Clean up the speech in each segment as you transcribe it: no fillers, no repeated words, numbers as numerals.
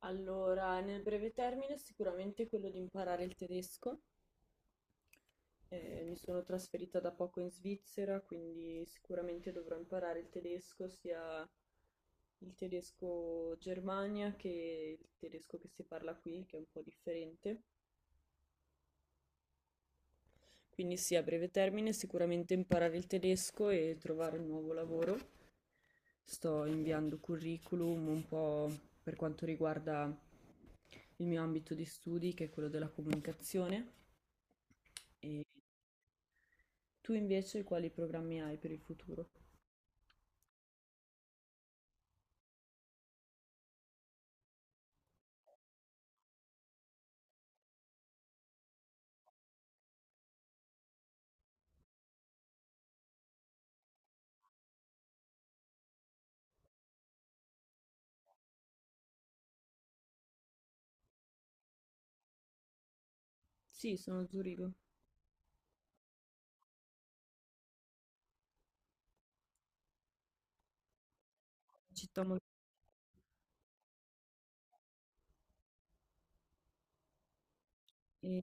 Allora, nel breve termine sicuramente quello di imparare il tedesco. Mi sono trasferita da poco in Svizzera, quindi sicuramente dovrò imparare il tedesco, sia il tedesco Germania che il tedesco che si parla qui, che è un po' differente. Quindi sì, a breve termine sicuramente imparare il tedesco e trovare un nuovo lavoro. Sto inviando curriculum un po' per quanto riguarda il mio ambito di studi, che è quello della comunicazione. E tu invece quali programmi hai per il futuro? Sì, sono a Zurigo, città molto... e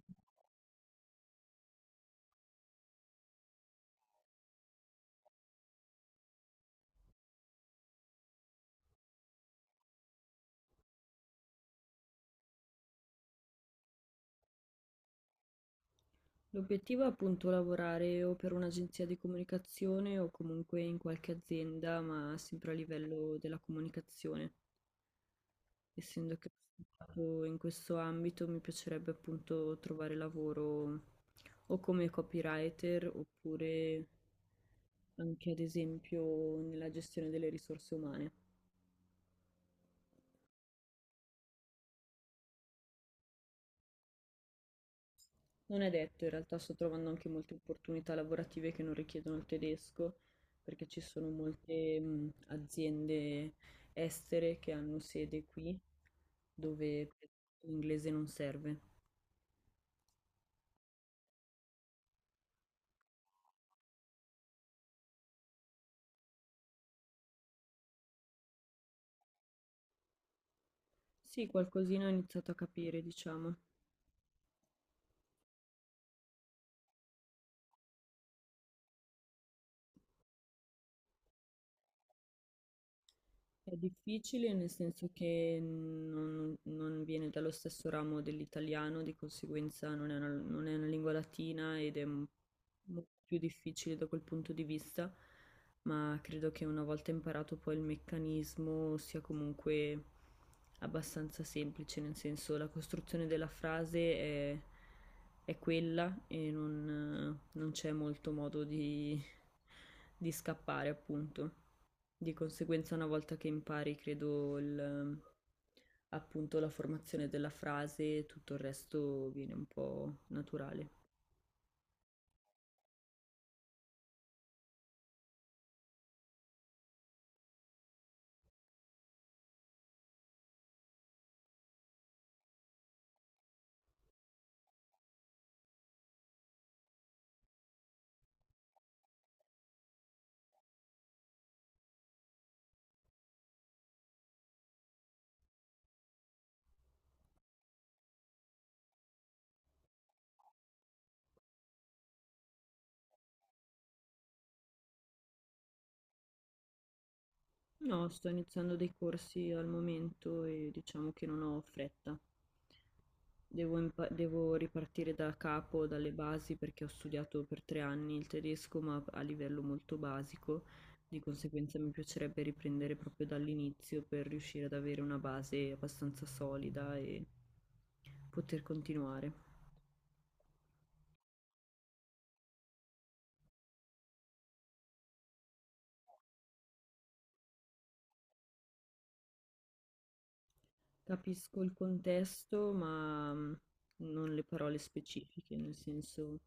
l'obiettivo è appunto lavorare o per un'agenzia di comunicazione o comunque in qualche azienda, ma sempre a livello della comunicazione. Essendo che ho studiato in questo ambito, mi piacerebbe appunto trovare lavoro o come copywriter oppure anche ad esempio nella gestione delle risorse umane. Non è detto, in realtà sto trovando anche molte opportunità lavorative che non richiedono il tedesco, perché ci sono molte aziende estere che hanno sede qui, dove l'inglese non serve. Sì, qualcosina ho iniziato a capire, diciamo. È difficile nel senso che non viene dallo stesso ramo dell'italiano, di conseguenza non è una lingua latina ed è molto più difficile da quel punto di vista, ma credo che una volta imparato poi il meccanismo sia comunque abbastanza semplice, nel senso la costruzione della frase è quella e non c'è molto modo di scappare, appunto. Di conseguenza, una volta che impari, credo, appunto la formazione della frase, tutto il resto viene un po' naturale. No, sto iniziando dei corsi al momento e diciamo che non ho fretta. Devo ripartire da capo, dalle basi, perché ho studiato per tre anni il tedesco, ma a livello molto basico. Di conseguenza mi piacerebbe riprendere proprio dall'inizio per riuscire ad avere una base abbastanza solida e poter continuare. Capisco il contesto, ma non le parole specifiche, nel senso il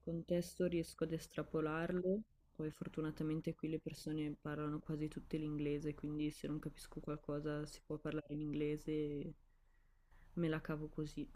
contesto riesco ad estrapolarlo, poi fortunatamente qui le persone parlano quasi tutte l'inglese, quindi se non capisco qualcosa si può parlare in inglese, e me la cavo così.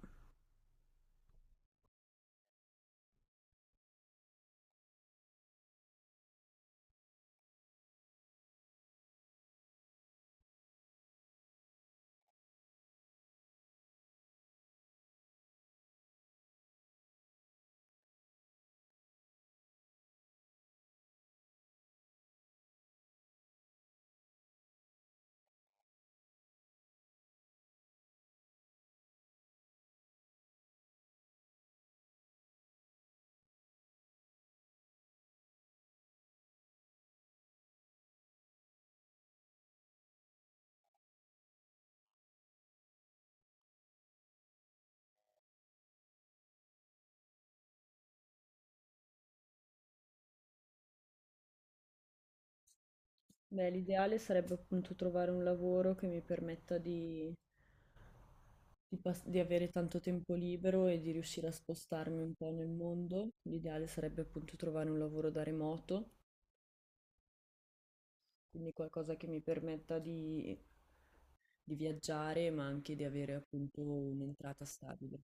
Beh, l'ideale sarebbe appunto trovare un lavoro che mi permetta di avere tanto tempo libero e di riuscire a spostarmi un po' nel mondo. L'ideale sarebbe appunto trovare un lavoro da remoto. Quindi qualcosa che mi permetta di viaggiare, ma anche di avere appunto un'entrata stabile.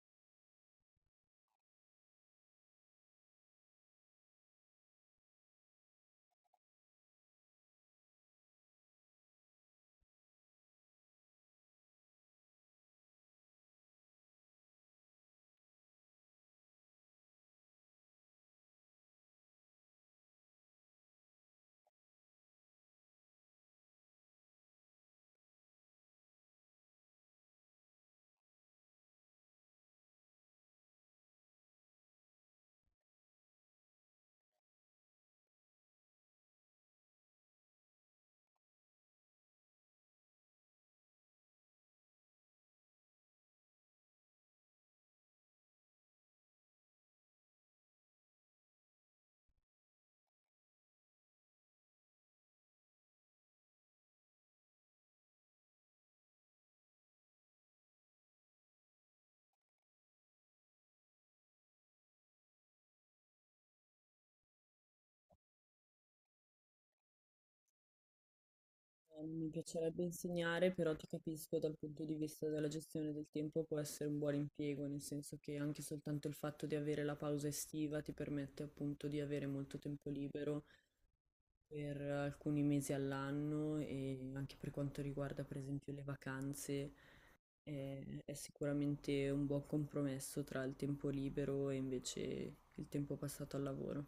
Mi piacerebbe insegnare, però ti capisco dal punto di vista della gestione del tempo può essere un buon impiego, nel senso che anche soltanto il fatto di avere la pausa estiva ti permette appunto di avere molto tempo libero per alcuni mesi all'anno e anche per quanto riguarda per esempio le vacanze è sicuramente un buon compromesso tra il tempo libero e invece il tempo passato al lavoro.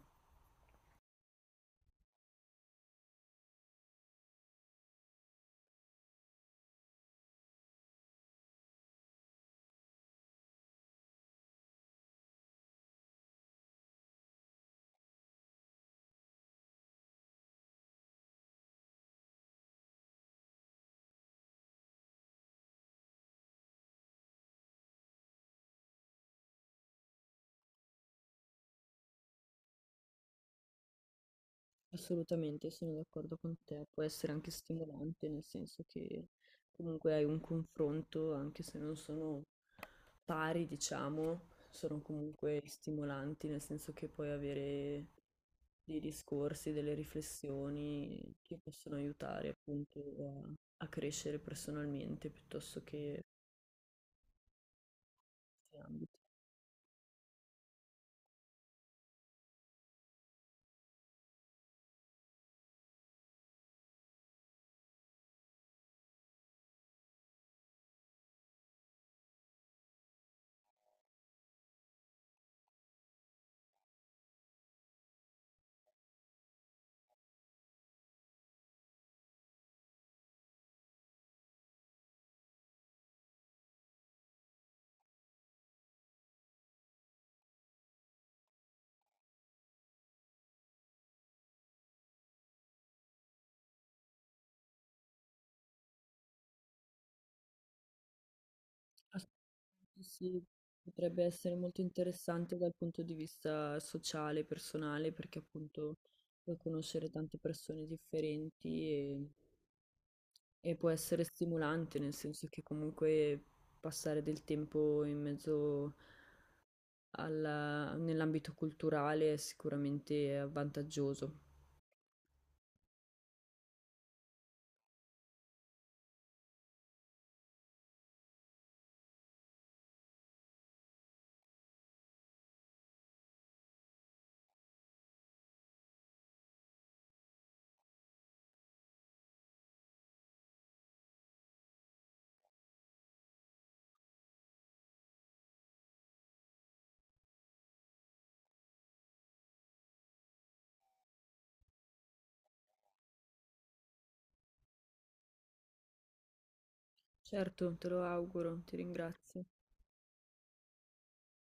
Assolutamente, sono d'accordo con te. Può essere anche stimolante, nel senso che comunque hai un confronto, anche se non sono pari, diciamo, sono comunque stimolanti, nel senso che puoi avere dei discorsi, delle riflessioni che possono aiutare appunto a crescere personalmente piuttosto che in altri ambiti. Assolutamente sì, sì, potrebbe essere molto interessante dal punto di vista sociale, personale, perché appunto puoi conoscere tante persone differenti e può essere stimolante, nel senso che comunque passare del tempo in mezzo nell'ambito culturale è sicuramente vantaggioso. Certo, te lo auguro, ti ringrazio.